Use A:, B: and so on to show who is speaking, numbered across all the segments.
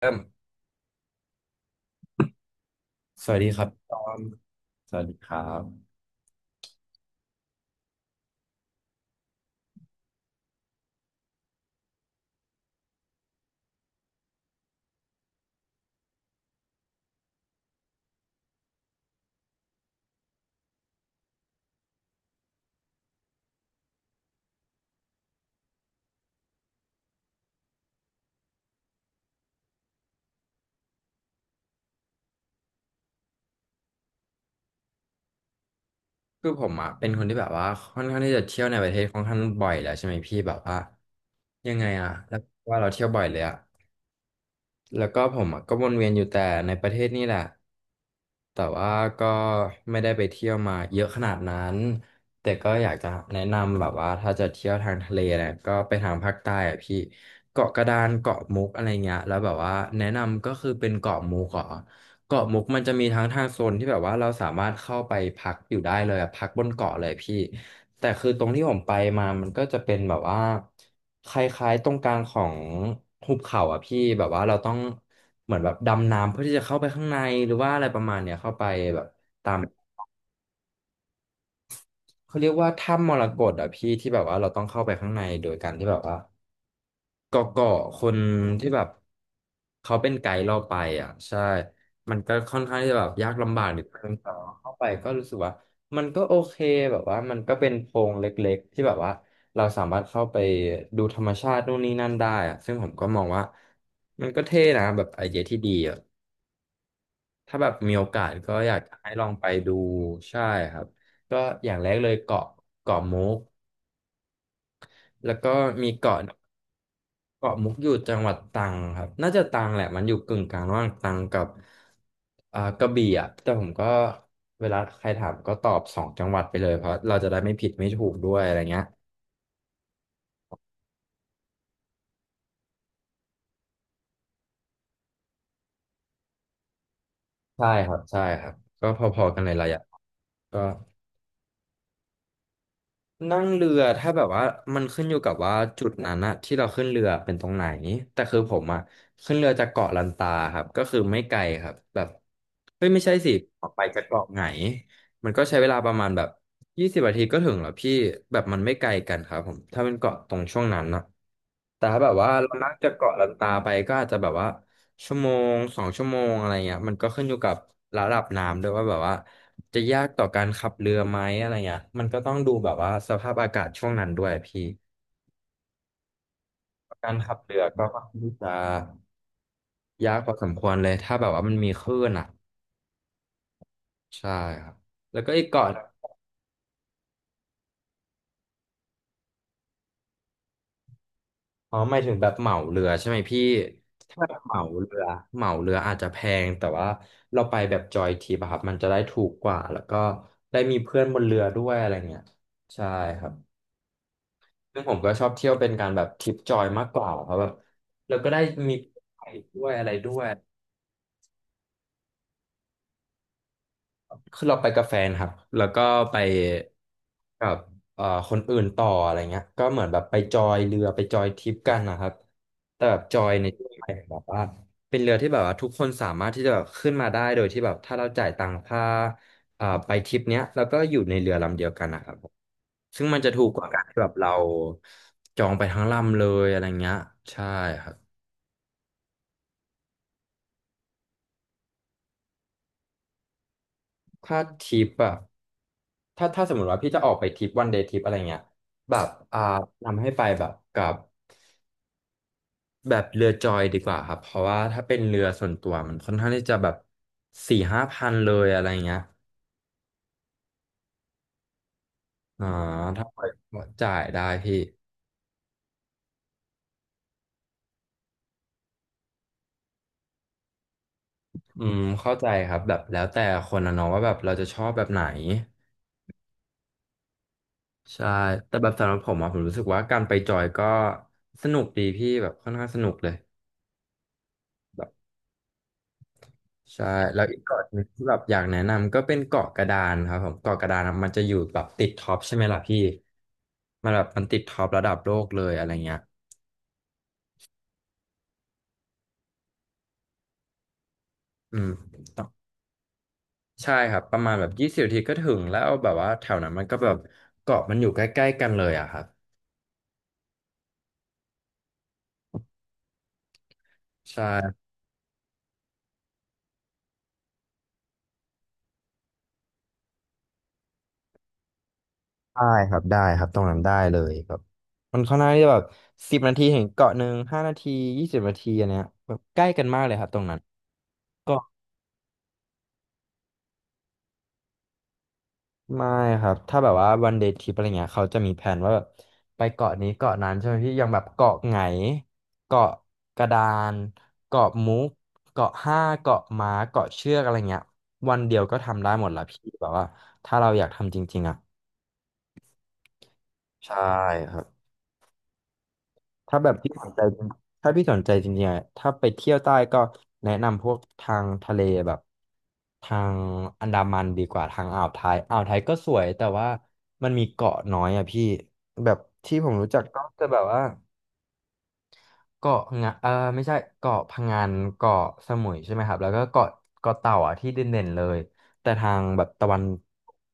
A: เริ่มสวัสดีครับตอนสวัสดีครับคือผมอ่ะเป็นคนที่แบบว่าค่อนข้างที่จะเที่ยวในประเทศค่อนข้างบ่อยแล้วใช่ไหมพี่แบบว่ายังไงอ่ะแล้วว่าเราเที่ยวบ่อยเลยอ่ะแล้วก็ผมอ่ะก็วนเวียนอยู่แต่ในประเทศนี่แหละแต่ว่าก็ไม่ได้ไปเที่ยวมาเยอะขนาดนั้นแต่ก็อยากจะแนะนำแบบว่าถ้าจะเที่ยวทางทะเลนะก็ไปทางภาคใต้อ่ะพี่เกาะกระดานเกาะมุกอะไรเงี้ยแล้วแบบว่าแนะนำก็คือเป็นเกาะมุกเหรอ เกาะมุกมันจะมีทั้งทางโซนที่แบบว่าเราสามารถเข้าไปพักอยู่ได้เลยอะพักบนเกาะเลยพี่แต่คือตรงที่ผมไปมามันก็จะเป็นแบบว่าคล้ายๆตรงกลางของหุบเขาอะพี่แบบว่าเราต้องเหมือนแบบดำน้ำเพื่อที่จะเข้าไปข้างในหรือว่าอะไรประมาณเนี้ยเข้าไปแบบตามเขาเรียกว่าถ้ำมรกตอะพี่ที่แบบว่าเราต้องเข้าไปข้างในโดยการที่แบบว่า เกาะคนที่แบบเขาเป็นไกด์เราไปอ่ะใช่มันก็ค่อนข้างที่จะแบบยากลำบากนิดนึงแต่ว่าเข้าไปก็รู้สึกว่ามันก็โอเคแบบว่ามันก็เป็นโพรงเล็กๆที่แบบว่าเราสามารถเข้าไปดูธรรมชาตินู่นนี่นั่นได้อ่ะซึ่งผมก็มองว่ามันก็เท่นะแบบไอเดียที่ดีอ่ะถ้าแบบมีโอกาสก็อยากจะให้ลองไปดูใช่ครับก็อย่างแรกเลยเกาะเกาะมุกแล้วก็มีเกาะ เกาะมุกอยู่จังหวัดตรังครับน่าจะตรังแหละมันอยู่กึ่งกลางระหว่างตรังกับกระบี่อ่ะแต่ผมก็เวลาใครถามก็ตอบสองจังหวัดไปเลยเพราะเราจะได้ไม่ผิดไม่ถูกด้วยอะไรเงี้ยใช่ครับใช่ครับก็พอๆกันเลยระยะก็ นั่งเรือถ้าแบบว่ามันขึ้นอยู่กับว่าจุดนั้นอะที่เราขึ้นเรือเป็นตรงไหนแต่คือผมอะขึ้นเรือจากเกาะลันตาครับก็คือไม่ไกลครับแบบเฮ้ยไม่ใช่สิออกไปจากเกาะไหนมันก็ใช้เวลาประมาณแบบ20 นาทีก็ถึงแล้วพี่แบบมันไม่ไกลกันครับผมถ้าเป็นเกาะตรงช่วงนั้นนะแต่ถ้าแบบว่าเรานั่งจากเกาะลันตาไปก็อาจจะแบบว่าชั่วโมง2 ชั่วโมงอะไรเงี้ยมันก็ขึ้นอยู่กับระดับน้ำด้วยว่าแบบว่า จะยากต่อการขับเรือไหมอะไรเงี้ยมันก็ต้องดูแบบว่าสภาพอากาศช่วงนั้นด้วยพี่การขับเรือก็ค่อนข้างที่จะยากพอสมควรเลยถ้าแบบว่ามันมีคลื่นอ่ะใช่ครับแล้วก็อีกเกาะหนึ่งอ๋อหมายถึงแบบเหมาเรือใช่ไหมพี่ถ้าแบบเหมาเรือเหมาเรืออาจจะแพงแต่ว่าเราไปแบบจอยทริปอะครับมันจะได้ถูกกว่าแล้วก็ได้มีเพื่อนบนเรือด้วยอะไรเงี้ยใช่ครับ ซึ่งผมก็ชอบเที่ยวเป็นการแบบทริปจอยมากกว่าเพราะแบบเราก็ได้มีไปด้วยอะไรด้วยคือเราไปกับแฟนครับแล้วก็ไปกับเอ่อคนอื่นต่ออะไรเงี้ยก็เหมือนแบบไปจอยเรือไปจอยทริปกันนะครับแต่แบบจอยในที่หมายถึงแบบว่าเป็นเรือที่แบบว่าทุกคนสามารถที่จะแบบขึ้นมาได้โดยที่แบบถ้าเราจ่ายตังค่าไปทริปเนี้ยแล้วก็อยู่ในเรือลำเดียวกันนะครับผมซึ่งมันจะถูกกว่าการที่แบบเราจองไปทั้งลำเลยอะไรเงี้ยใช่ครับ ถ้าทริปอะถ้าสมมติว่าพี่จะออกไปทริปวันเดย์ทริปอะไรเงี้ยแบบนำให้ไปแบบกับแบบเรือจอยดีกว่าครับเพราะว่าถ้าเป็นเรือส่วนตัวมันค่อนข้างที่จะแบบ4-5 พันเลยอะไรเงี้ยอ่าถ้าไปจ่ายได้พี่อืมเข้าใจครับแบบแล้วแต่คนนะเนาะว่าแบบเราจะชอบแบบไหนใช่แต่แบบสำหรับผมอะผมรู้สึกว่าการไปจอยก็สนุกดีพี่แบบค่อนข้างสนุกเลย ใช่แล้วอีกเกาะหนึงที่แบบอยากแนะนำก็เป็นเกาะกระดานครับผมเกาะกระดานอะมันจะอยู่แบบติดท็อปใช่ไหมล่ะพี่มันแบบมันติดท็อประดับโลกเลยอะไรเงี้ยอืมต้องใช่ครับประมาณแบบยี่สิบนาทีก็ถึงแล้วแบบว่าแถวนั้นมันก็แบบเกาะมันอยู่ใกล้ๆกันเลยอะครับใช่ได้ครับได้ครับตรงนั้นได้เลยแบบมันค่อนข้างที่จะแบบสิบนาทีเหึงเกาะหนึ่ง5 นาทียี่สิบนาทีอันเนี้ยแบบใกล้กันมากเลยครับตรงนั้น ไม่ครับ ถ้าแบบว่าวันเด y t ทริปอะไรเงี้ยเขาจะมีแผนว่าแบบไปเกาะนี้เกาะนั้นใช่ไหมพี่อย่างแบบเกาะไหงเกาะกระดานเกาะมุกเกาะห้าเกาะม้าเกาะเชือกอะไรเงี้ยวันเดียวก็ทำได้หมดละพี่แบบว่าถ้าเราอยากทำจริงๆอ่ะใช่ครับ ถ้าแบบพี่สนใจจริงถ้าพี่สนใจจริงๆอะถ้าไปเที่ยวใต้ก็แนะนำพวกทางทะเลแบบทางอันดามันดีกว่าทางอ่าวไทยอ่าวไทยก็สวยแต่ว่ามันมีเกาะน้อยอ่ะพี่แบบที่ผมรู้จักก็จะแบบว่าเกาะงะเออไม่ใช่เกาะพะงันเกาะสมุยใช่ไหมครับแล้วก็เกาะเต่าอ่ะที่เด่นๆเลยแต่ทางแบบตะวัน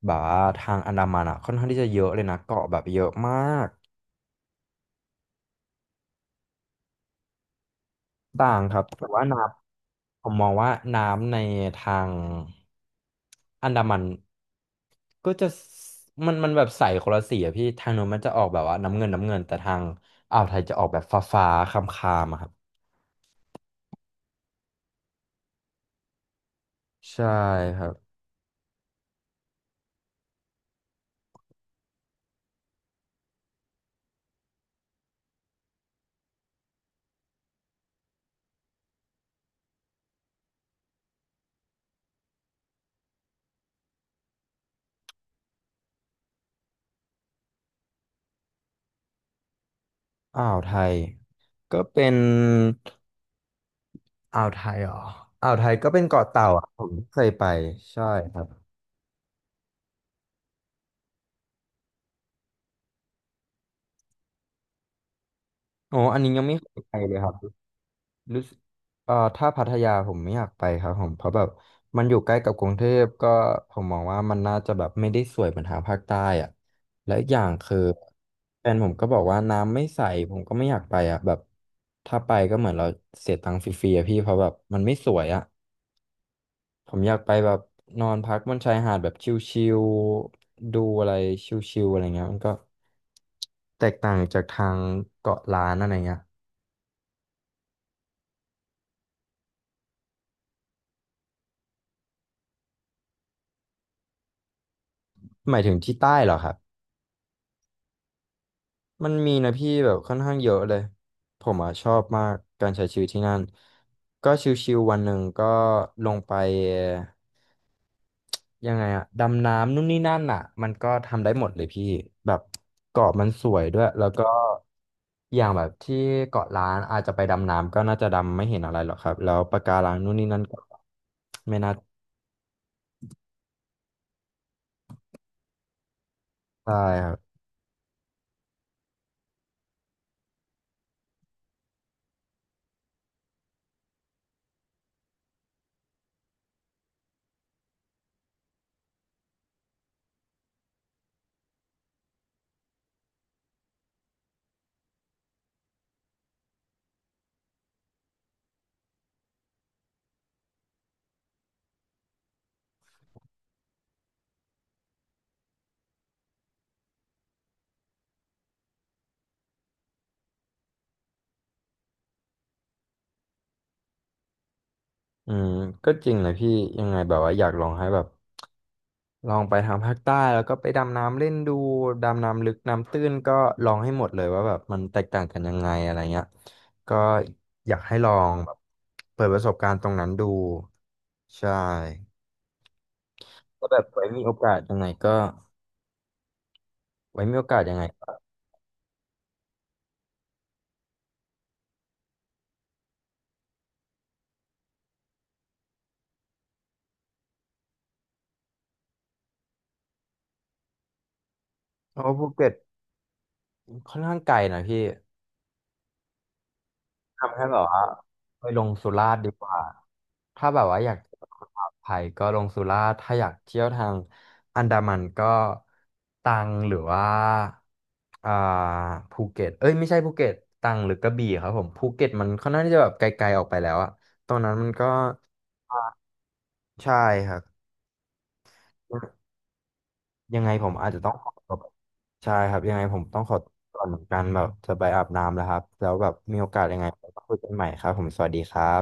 A: แบบว่าทางอันดามันอ่ะค่อนข้างที่จะเยอะเลยนะเกาะแบบเยอะมาก ต่างครับแต่ว่าน้ำผมมองว่าน้ำในทางอันดามันก็จะมันแบบใสคนละสีอะพี่ทางโน้นมันจะออกแบบว่าน้ำเงินน้ำเงินแต่ทางอ่าวไทยจะออกแบบฟ้าฟ้าคามคามๆอะครับใช่ครับอ่าวไทยก็เป็นอ่าวไทยเหรออ่าวไทยก็เป็นเกาะเต่าอะผมเคยไปใช่ครับโอ้อันนี้ยังไม่เคยไปเลยครับ รู้สึกถ้าพัทยาผมไม่อยากไปครับผมเพราะแบบมันอยู่ใกล้กับกรุงเทพก็ผมมองว่ามันน่าจะแบบไม่ได้สวยเหมือนทางภาคใต้อ่ะและอีกอย่างคือแฟนผมก็บอกว่าน้ำไม่ใสผมก็ไม่อยากไปอ่ะแบบถ้าไปก็เหมือนเราเสียตังค์ฟรีๆอะพี่เพราะแบบมันไม่สวยอ่ะผมอยากไปแบบนอนพักบนชายหาดแบบชิลๆดูอะไรชิลๆอะไรเงี้ยมันก็แตกต่างจากทางเกาะล้านอะไรเงี้ยหมายถึงที่ใต้เหรอครับ มันมีนะพี่แบบค่อนข้างเยอะเลยผมอ่ะชอบมากการใช้ชีวิตที่นั่นก็ชิวๆวันหนึ่งก็ลงไปยังไงอะดำน้ำนู่นนี่นั่นอ่ะมันก็ทำได้หมดเลยพี่แบบเกาะมันสวยด้วยแล้วก็อย่างแบบที่เกาะล้านอาจจะไปดำน้ำก็น่าจะดำไม่เห็นอะไรหรอกครับแล้วปะการังนู่นนี่นั่นก็ไม่น่าใช่ครับอืมก็จริงเลยพี่ยังไงแบบว่าอยากลองให้แบบ ลองไปทางภาคใต้แล้วก็ไปดำน้ำเล่นดูดำน้ำลึกน้ำตื้นก็ลองให้หมดเลยว่าแบบมันแตกต่างกันยังไงอะไรเงี้ยก็อยากให้ลองแบบเปิดประสบการณ์ตรงนั้นดูใช่ก็แบบไว้มีโอกาสยังไงก็ไว้มีโอกาสยังไงก็เพราะว่าภูเก็ตค่อนข้างไกลนะพี่ ทำให้แบบว่าไปลงสุราษฎร์ดีกว่าถ้าแบบว่าอยากเที่ยวทางอ่าวไทยก็ลงสุราษฎร์ถ้าอยากเที่ยวทางอันดามันก็ตรังหรือว่าอ่าภูเก็ตเอ้ยไม่ใช่ภูเก็ตตรังหรือกระบี่ครับผมภูเก็ตมันค่อนข้างที่จะแบบไกลๆออกไปแล้วอะตอนนั้นมันก็อ่าใช่ครับยังไงผมอาจจะต้องขอตัวไปใช่ครับยังไงผมต้องขอตัวก่อนเหมือนกันแบบจะไปอาบน้ำแล้วครับแล้วแบบมีโอกาสยังไงเราก็คุยกันใหม่ครับผมสวัสดีครับ